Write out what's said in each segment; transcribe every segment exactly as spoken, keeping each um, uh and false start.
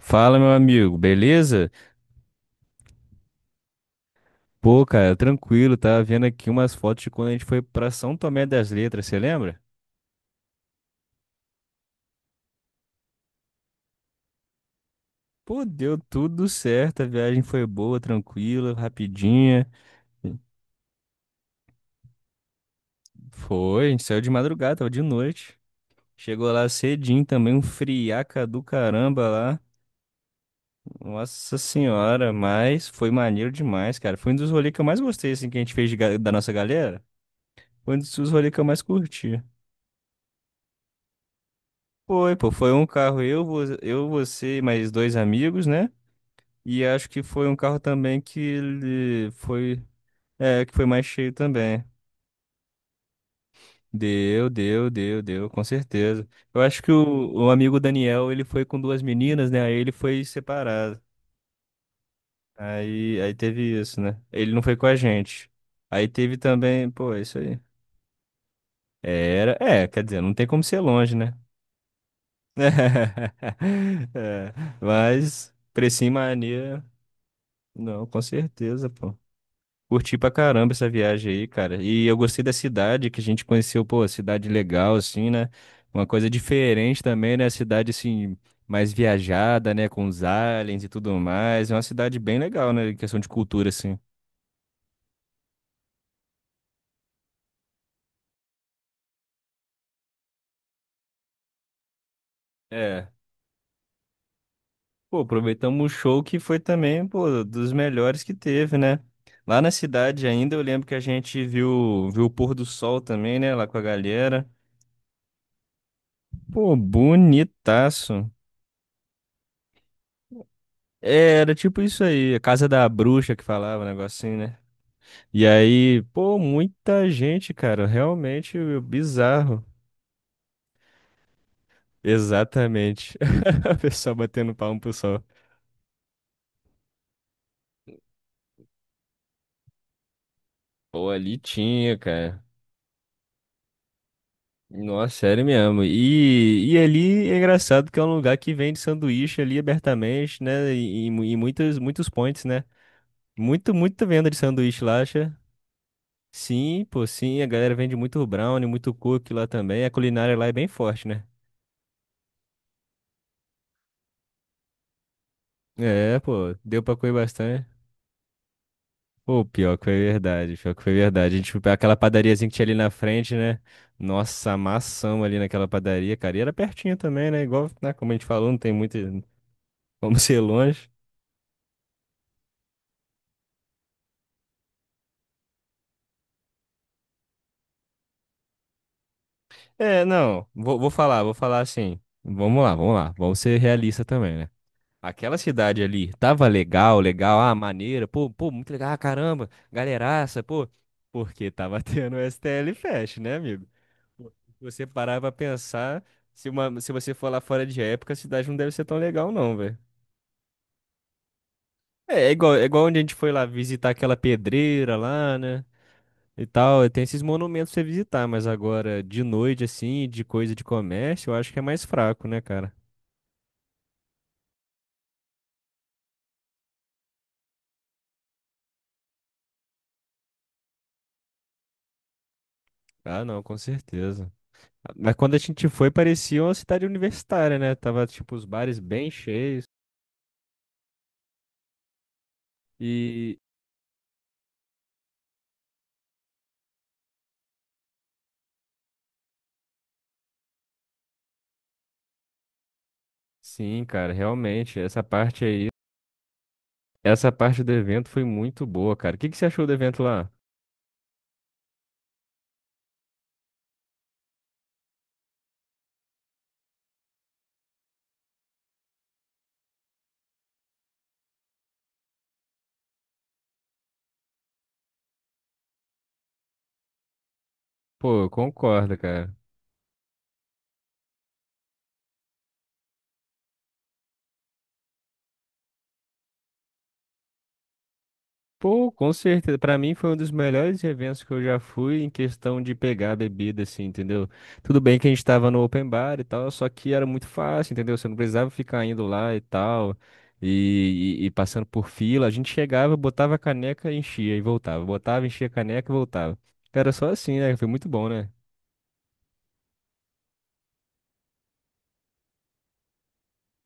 Fala, meu amigo, beleza? Pô, cara, tranquilo, tava vendo aqui umas fotos de quando a gente foi pra São Tomé das Letras, você lembra? Pô, deu tudo certo, a viagem foi boa, tranquila, rapidinha. Foi, a gente saiu de madrugada, tava de noite. Chegou lá cedinho também, um friaca do caramba lá. Nossa senhora, mas foi maneiro demais, cara. Foi um dos rolês que eu mais gostei, assim, que a gente fez de ga- da nossa galera. Foi um dos rolês que eu mais curti. Foi, pô, foi um carro eu, vo- eu, você e mais dois amigos, né? E acho que foi um carro também que ele foi, é, que foi mais cheio também. Deu, deu, deu, deu, com certeza. Eu acho que o, o amigo Daniel, ele foi com duas meninas, né? Aí ele foi separado. Aí, aí teve isso, né? Ele não foi com a gente. Aí teve também, pô, é isso aí. Era, é, quer dizer, não tem como ser longe, né? É, mas precinho mania. Não, com certeza, pô. Curti pra caramba essa viagem aí, cara. E eu gostei da cidade que a gente conheceu, pô, cidade legal, assim, né? Uma coisa diferente também, né? Cidade, assim, mais viajada, né? Com os aliens e tudo mais. É uma cidade bem legal, né? Em questão de cultura, assim. É. Pô, aproveitamos o show que foi também, pô, dos melhores que teve, né? Lá na cidade ainda, eu lembro que a gente viu, viu o pôr do sol também, né? Lá com a galera. Pô, bonitaço. É, era tipo isso aí, a casa da bruxa que falava, um negocinho, né? E aí, pô, muita gente, cara, realmente bizarro. Exatamente. A pessoa batendo palmo pro sol. Pô, ali tinha, cara. Nossa, sério mesmo. E, e ali é engraçado que é um lugar que vende sanduíche ali abertamente, né? E, e, mu- e muitos, muitos points, né? Muito, muita venda de sanduíche lá, acha? Sim, pô, sim. A galera vende muito brownie, muito cookie lá também. A culinária lá é bem forte, né? É, pô, deu pra comer bastante. Pô, pior que foi verdade, pior que foi verdade. A gente foi pra aquela padariazinha que tinha ali na frente, né? Nossa, amassamos ali naquela padaria, cara. E era pertinho também, né? Igual, né, como a gente falou, não tem muito como ser longe. É, não, vou, vou falar, vou falar assim. Vamos lá, vamos lá, vamos ser realista também, né? Aquela cidade ali tava legal, legal, ah, maneira, pô, pô, muito legal, ah, caramba, galeraça, pô. Porque tava tendo o S T L Fest, né, amigo? Pô, se você parar pra pensar, se, uma, se você for lá fora de época, a cidade não deve ser tão legal, não, velho. É, é igual, é igual onde a gente foi lá visitar aquela pedreira lá, né? E tal, tem esses monumentos pra você visitar, mas agora, de noite, assim, de coisa de comércio, eu acho que é mais fraco, né, cara? Ah, não, com certeza. Mas quando a gente foi, parecia uma cidade universitária, né? Tava, tipo, os bares bem cheios. E, sim, cara, realmente, essa parte aí, essa parte do evento foi muito boa, cara. O que que você achou do evento lá? Pô, eu concordo, cara. Pô, com certeza. Pra mim foi um dos melhores eventos que eu já fui em questão de pegar a bebida, assim, entendeu? Tudo bem que a gente tava no open bar e tal, só que era muito fácil, entendeu? Você não precisava ficar indo lá e tal, e, e- e passando por fila. A gente chegava, botava a caneca, enchia e voltava. Botava, enchia a caneca e voltava. Era só assim, né? Foi muito bom, né?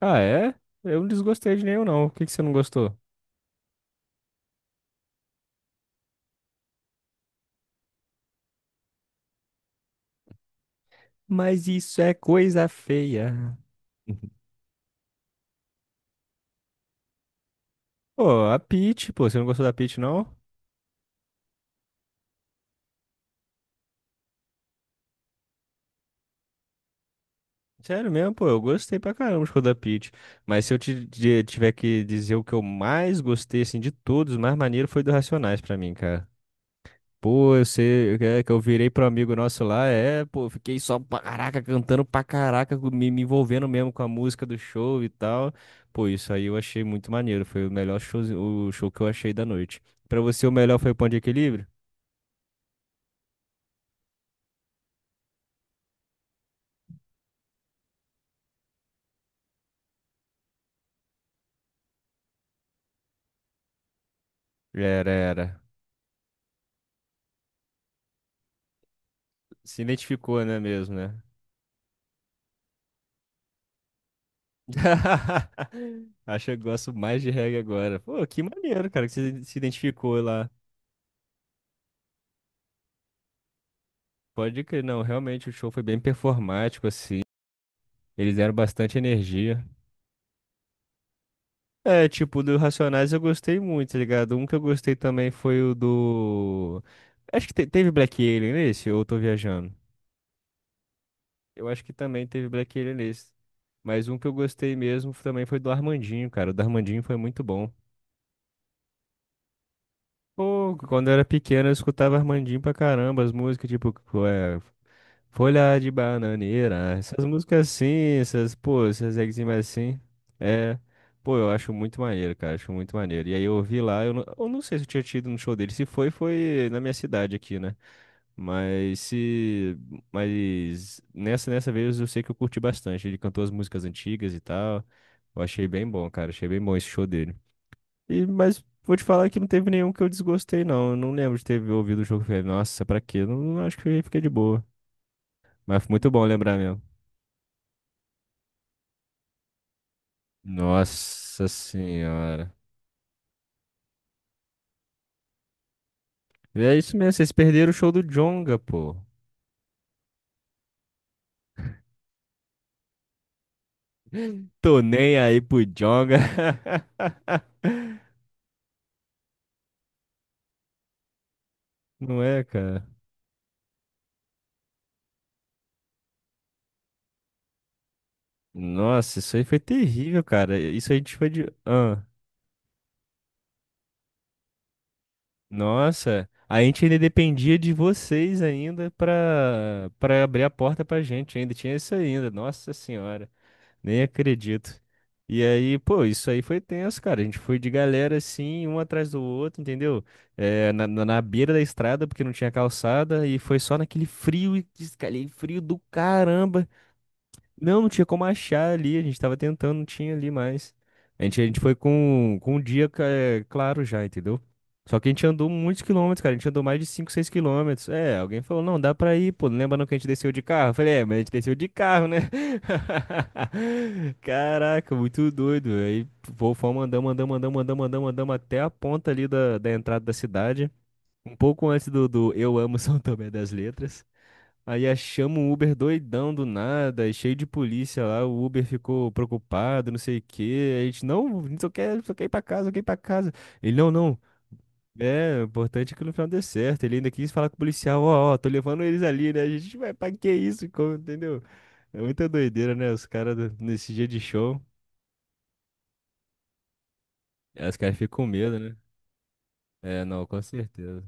Ah, é? Eu não desgostei de nenhum, não. Por que que você não gostou? Mas isso é coisa feia. Pô, a Peach, pô, você não gostou da Peach, não? Sério mesmo, pô, eu gostei pra caramba de Roda Pit. Mas se eu te, te- tiver que dizer o que eu mais gostei, assim, de todos, o mais maneiro foi do Racionais pra mim, cara. Pô, eu sei é, que eu virei pro amigo nosso lá, é, pô, fiquei só pra caraca, cantando pra caraca, com- me, me envolvendo mesmo com a música do show e tal. Pô, isso aí eu achei muito maneiro, foi o melhor show, o show que eu achei da noite. Pra você, o melhor foi o Ponto de Equilíbrio? Era, era. Se identificou, né, mesmo, né? Acho que eu gosto mais de reggae agora. Pô, que maneiro, cara, que você se identificou lá. Pode crer, não, realmente o show foi bem performático, assim. Eles deram bastante energia. É, tipo, do Racionais eu gostei muito, tá ligado? Um que eu gostei também foi o do. Acho que te- teve Black Alien nesse, ou eu tô viajando? Eu acho que também teve Black Alien nesse. Mas um que eu gostei mesmo também foi do Armandinho, cara. O do Armandinho foi muito bom. Pô, quando eu era pequeno eu escutava Armandinho pra caramba, as músicas, tipo, é, Folha de Bananeira. Essas músicas assim, essas, pô, essas rimas assim. É. Pô, eu acho muito maneiro, cara. Acho muito maneiro. E aí eu ouvi lá, eu não, eu não sei se eu tinha tido no show dele. Se foi, foi na minha cidade aqui, né? Mas se. Mas nessa, nessa vez eu sei que eu curti bastante. Ele cantou as músicas antigas e tal. Eu achei bem bom, cara. Achei bem bom esse show dele. E, mas vou te falar que não teve nenhum que eu desgostei, não. Eu não lembro de ter ouvido o jogo. E falei, nossa, pra quê? Não, não acho que eu fiquei de boa. Mas foi muito bom lembrar mesmo. Nossa senhora. E é isso mesmo, vocês perderam o show do Djonga, pô. Tô nem aí pro Djonga. Não é, cara? Nossa, isso aí foi terrível, cara. Isso a gente foi de. Ah, nossa, a gente ainda dependia de vocês ainda pra, pra abrir a porta pra gente. Ainda tinha isso ainda. Nossa senhora. Nem acredito. E aí, pô, isso aí foi tenso, cara. A gente foi de galera assim, um atrás do outro, entendeu? É, na, na, na beira da estrada, porque não tinha calçada, e foi só naquele frio, e diz- aquele frio do caramba, não, não tinha como achar ali, a gente tava tentando, não tinha ali mais. A gente, a gente foi com, com um dia ca- é, claro já, entendeu? Só que a gente andou muitos quilômetros, cara, a gente andou mais de cinco seis quilômetros. É, alguém falou, não, dá pra ir, pô, lembra não que a gente desceu de carro? Eu falei, é, mas a gente desceu de carro, né? Caraca, muito doido. Aí pô, fomos andando, andando, andando, andando, andando, andando até a ponta ali da, da entrada da cidade. Um pouco antes do, do Eu Amo São Tomé das Letras. Aí a- chama um Uber doidão do nada, e cheio de polícia lá, o Uber ficou preocupado, não sei o quê. A gente, não, a gente só quer, só quer ir pra casa, só quer ir pra casa. Ele, não, não. É, o importante é que no final dê certo. Ele ainda quis falar com o policial, ó, ó, tô levando eles ali, né? A gente vai, pra que isso? Como- entendeu? É muita doideira, né? Os caras do- nesse dia de show, é, os caras ficam com medo, né? É, não, com certeza.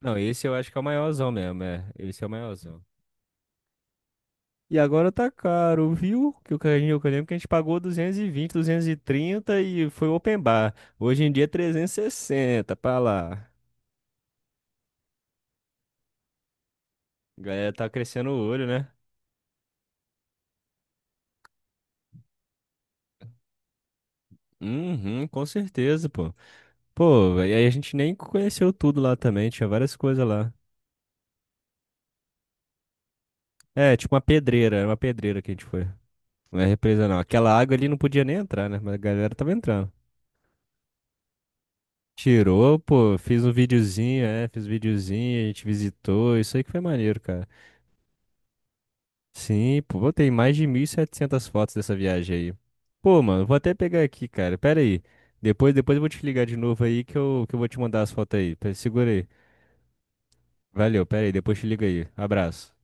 Não, esse eu acho que é o maiorzão mesmo, é. Esse é o maiorzão. E agora tá caro, viu? Que o carrinho, eu lembro que a gente pagou duzentos e vinte, duzentos e trinta e trinta e foi open bar. Hoje em dia é trezentos e sessenta, pra lá. A galera tá crescendo o olho, né? Uhum, com certeza, pô. Pô, e aí a gente nem conheceu tudo lá também, tinha várias coisas lá. É, tipo uma pedreira, era uma pedreira que a gente foi. Não é represa não. Aquela água ali não podia nem entrar, né? Mas a galera tava entrando. Tirou, pô, fiz um videozinho, é, fiz um videozinho, a gente visitou, isso aí que foi maneiro, cara. Sim, pô, eu tenho mais de mil e setecentas fotos dessa viagem aí. Pô, mano, vou até pegar aqui, cara. Pera aí. Depois, depois eu vou te ligar de novo aí que eu, que eu vou te mandar as fotos aí. Pe- Segura aí. Valeu, pera aí, depois te liga aí. Abraço.